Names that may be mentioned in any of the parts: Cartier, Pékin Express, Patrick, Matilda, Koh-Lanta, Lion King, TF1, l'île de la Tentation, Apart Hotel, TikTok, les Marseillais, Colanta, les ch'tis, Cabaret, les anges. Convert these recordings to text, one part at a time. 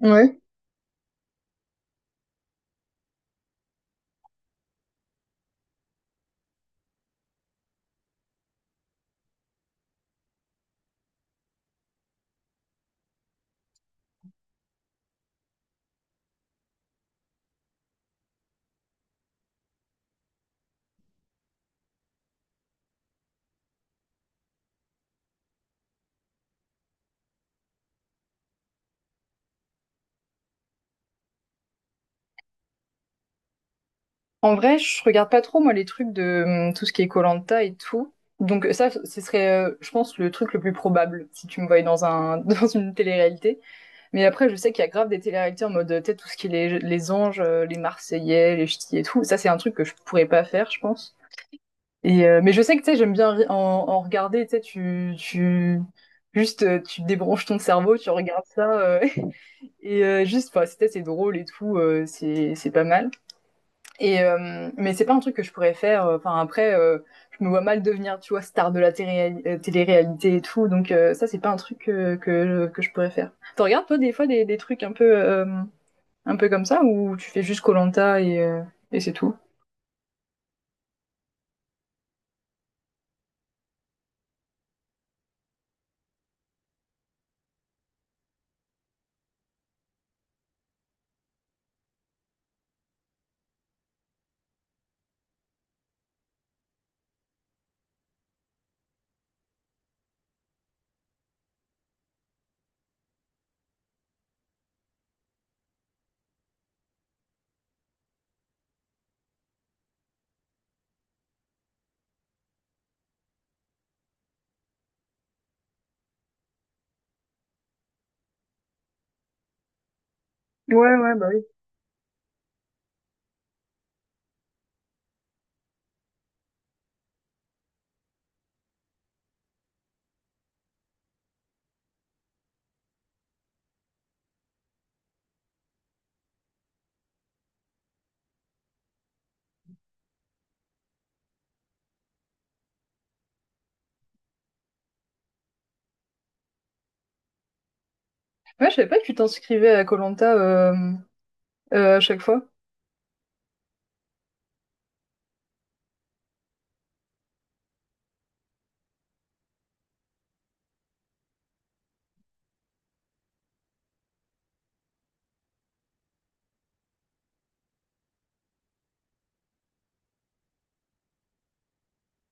Ouais. En vrai, je regarde pas trop, moi, les trucs de tout ce qui est koh et tout. Donc ça, ce serait, je pense, le truc le plus probable si tu me voyais dans un dans une télé-réalité. Mais après, je sais qu'il y a grave des télé-réalités en mode, tu sais, tout ce qui est les anges, les Marseillais, les ch'tis et tout. Ça, c'est un truc que je pourrais pas faire, je pense. Et mais je sais que tu sais, j'aime bien en regarder. Tu sais, tu juste tu débranches ton cerveau, tu regardes ça et juste, enfin, c'est drôle et tout, c'est pas mal. Et mais c'est pas un truc que je pourrais faire. Enfin après, je me vois mal devenir, tu vois, star de la télé-réalité et tout. Donc ça, c'est pas un truc que je pourrais faire. T'en regardes toi des fois des trucs un peu comme ça ou tu fais juste Colanta et c'est tout. Ouais, ouais, bah oui. Ouais, je savais pas que tu t'inscrivais à Colanta euh, à chaque fois.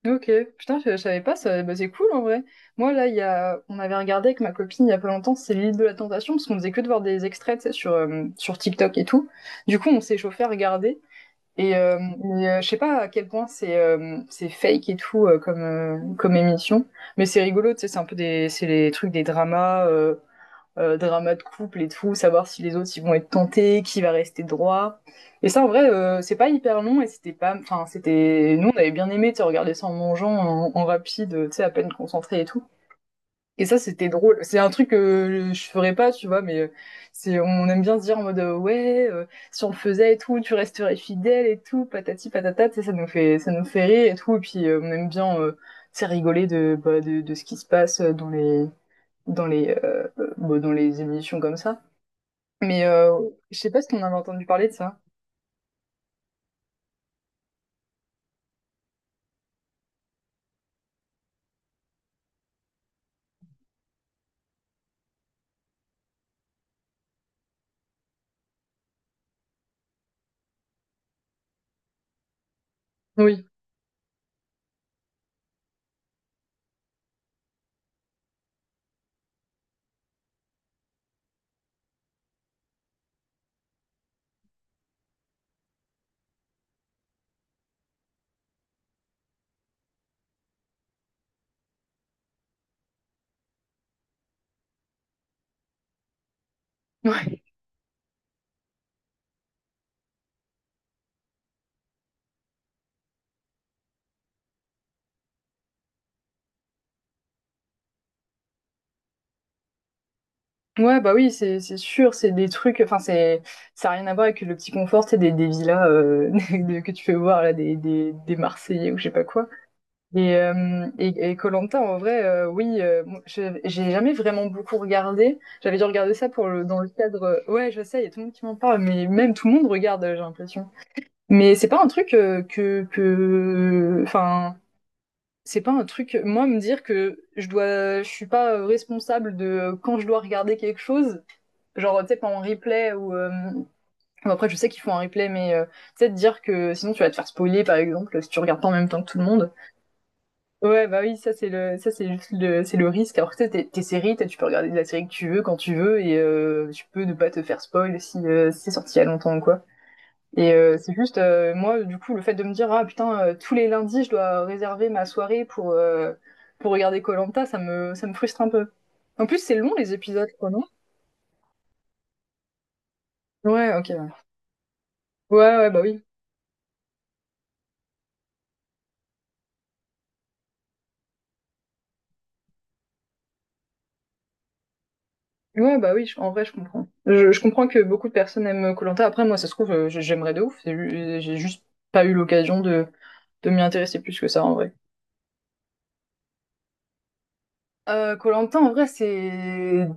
Ok, putain, je savais pas, ça, bah, c'est cool en vrai. Moi là, il y a, on avait regardé avec ma copine il y a pas longtemps, c'est l'île de la Tentation, parce qu'on faisait que de voir des extraits, tu sais, sur, sur TikTok et tout. Du coup, on s'est chauffé à regarder, et mais, je sais pas à quel point c'est fake et tout comme, comme émission, mais c'est rigolo, tu sais, c'est un peu des, c'est les trucs des dramas, drama de couple et tout, savoir si les autres ils vont être tentés, qui va rester droit. Et ça en vrai, c'est pas hyper long et c'était pas, enfin c'était, nous on avait bien aimé, tu sais, regarder ça en mangeant, en rapide, tu sais à peine concentré et tout. Et ça c'était drôle. C'est un truc que je ferais pas, tu vois, mais c'est, on aime bien se dire en mode ouais, si on le faisait et tout, tu resterais fidèle et tout, patati patata, tu sais, ça nous fait rire et tout. Et puis on aime bien, tu sais, rigoler bah, de ce qui se passe dans les dans les, euh, bon, dans les émissions comme ça. Mais je sais pas si on avait entendu parler de ça. Oui. Ouais. Ouais, bah oui, c'est sûr, c'est des trucs, enfin c'est ça a rien à voir avec le petit confort, c'est des villas que tu fais voir là des Marseillais ou je sais pas quoi. Et Colanta en vrai, oui, moi, j'ai jamais vraiment beaucoup regardé. J'avais dû regarder ça pour le dans le cadre, ouais, je sais, il y a tout le monde qui m'en parle, mais même tout le monde regarde, j'ai l'impression. Mais c'est pas un truc que enfin. C'est pas un truc, moi, me dire que je dois, je suis pas responsable de quand je dois regarder quelque chose, genre, tu sais, pas en replay ou, bon, après, je sais qu'ils font un replay, mais, tu sais, de dire que sinon tu vas te faire spoiler, par exemple, si tu regardes pas en même temps que tout le monde. Ouais, bah oui, ça, c'est juste le, c'est le risque. Alors que, tu sais, tes séries, tu peux regarder la série que tu veux, quand tu veux, et, tu peux ne pas te faire spoil si, si c'est sorti il y a longtemps ou quoi. Et c'est juste, moi, du coup, le fait de me dire, ah putain, tous les lundis, je dois réserver ma soirée pour regarder koh, ça me frustre un peu. En plus, c'est long les épisodes, quoi, non? Ouais, ok. Ouais, ouais, ouais, bah oui. Ouais, bah oui, en vrai, je comprends. Je comprends que beaucoup de personnes aiment koh. Après, moi, ça se trouve, j'aimerais de ouf. J'ai juste pas eu l'occasion de m'y intéresser plus que ça, en vrai. Koh en vrai,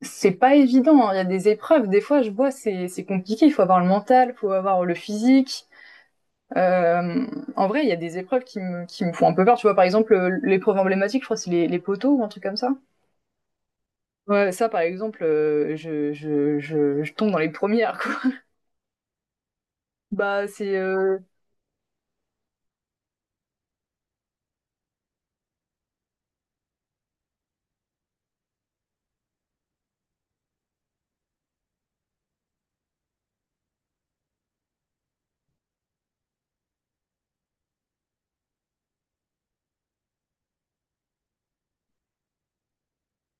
c'est pas évident, hein. Il y a des épreuves. Des fois, je vois, c'est compliqué. Il faut avoir le mental, il faut avoir le physique. Euh, en vrai, il y a des épreuves qui me, font un peu peur. Tu vois, par exemple, l'épreuve emblématique, je crois, c'est les poteaux ou un truc comme ça. Ouais, ça, par exemple, je tombe dans les premières, quoi. Bah, c'est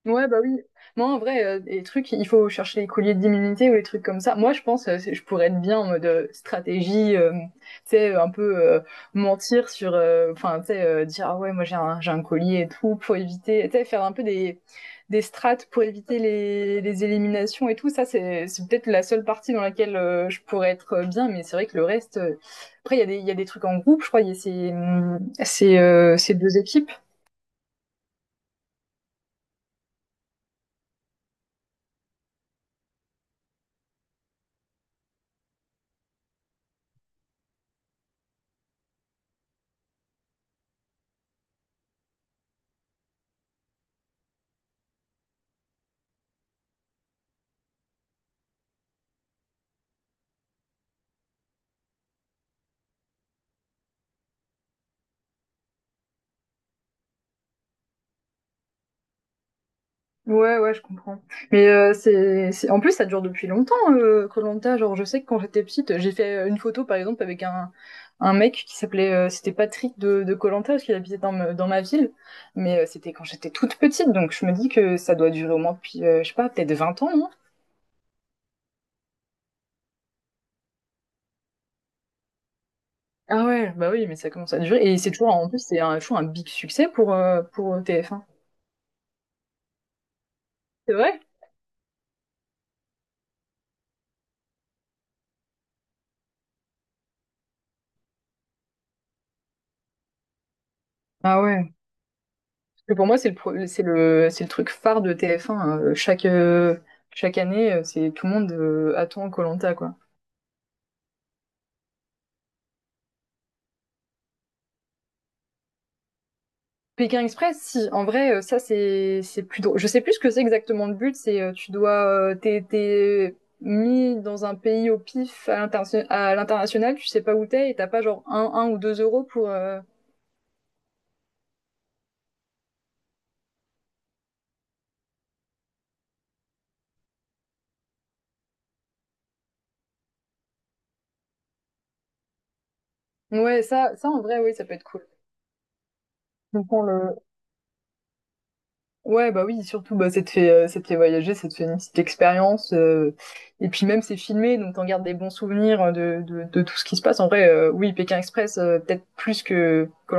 ouais, bah oui. Moi, en vrai, les trucs, il faut chercher les colliers d'immunité ou les trucs comme ça. Moi, je pense, je pourrais être bien en mode stratégie, tu sais, un peu mentir sur, enfin, tu sais, dire, ah ouais, moi j'ai un collier et tout, pour éviter, tu sais, faire un peu des strates pour éviter les éliminations et tout. Ça, c'est peut-être la seule partie dans laquelle je pourrais être bien, mais c'est vrai que le reste. Après, il y a des trucs en groupe, je crois, il y a ces deux équipes. Ouais, ouais, je comprends. Mais en plus, ça dure depuis longtemps, Koh-Lanta. Genre, je sais que quand j'étais petite, j'ai fait une photo, par exemple, avec un mec qui s'appelait, c'était Patrick de Koh-Lanta, parce qu'il habitait dans, dans ma ville. Mais c'était quand j'étais toute petite, donc je me dis que ça doit durer au moins depuis, je sais pas, peut-être 20 ans, non? Ah ouais, bah oui, mais ça commence à durer. Et c'est toujours, en plus, toujours un big succès pour TF1. C'est vrai? Ah ouais. Que pour moi, c'est le, pro- c'est le truc phare de TF1, hein. Chaque, chaque année, c'est tout le monde attend Koh-Lanta, quoi. Pékin Express, si, en vrai, ça, c'est plus drôle. Je sais plus ce que c'est exactement le but, tu dois, t'es mis dans un pays au pif à à l'international, tu sais pas où t'es, et t'as pas genre un ou 2 euros pour, ouais, ça, en vrai, oui, ça peut être cool. Donc, ouais, bah oui, surtout, bah, ça te fait voyager, ça te fait une petite expérience. Et puis même, c'est filmé, donc t'en gardes des bons souvenirs de tout ce qui se passe. En vrai, oui, Pékin Express, peut-être plus que koh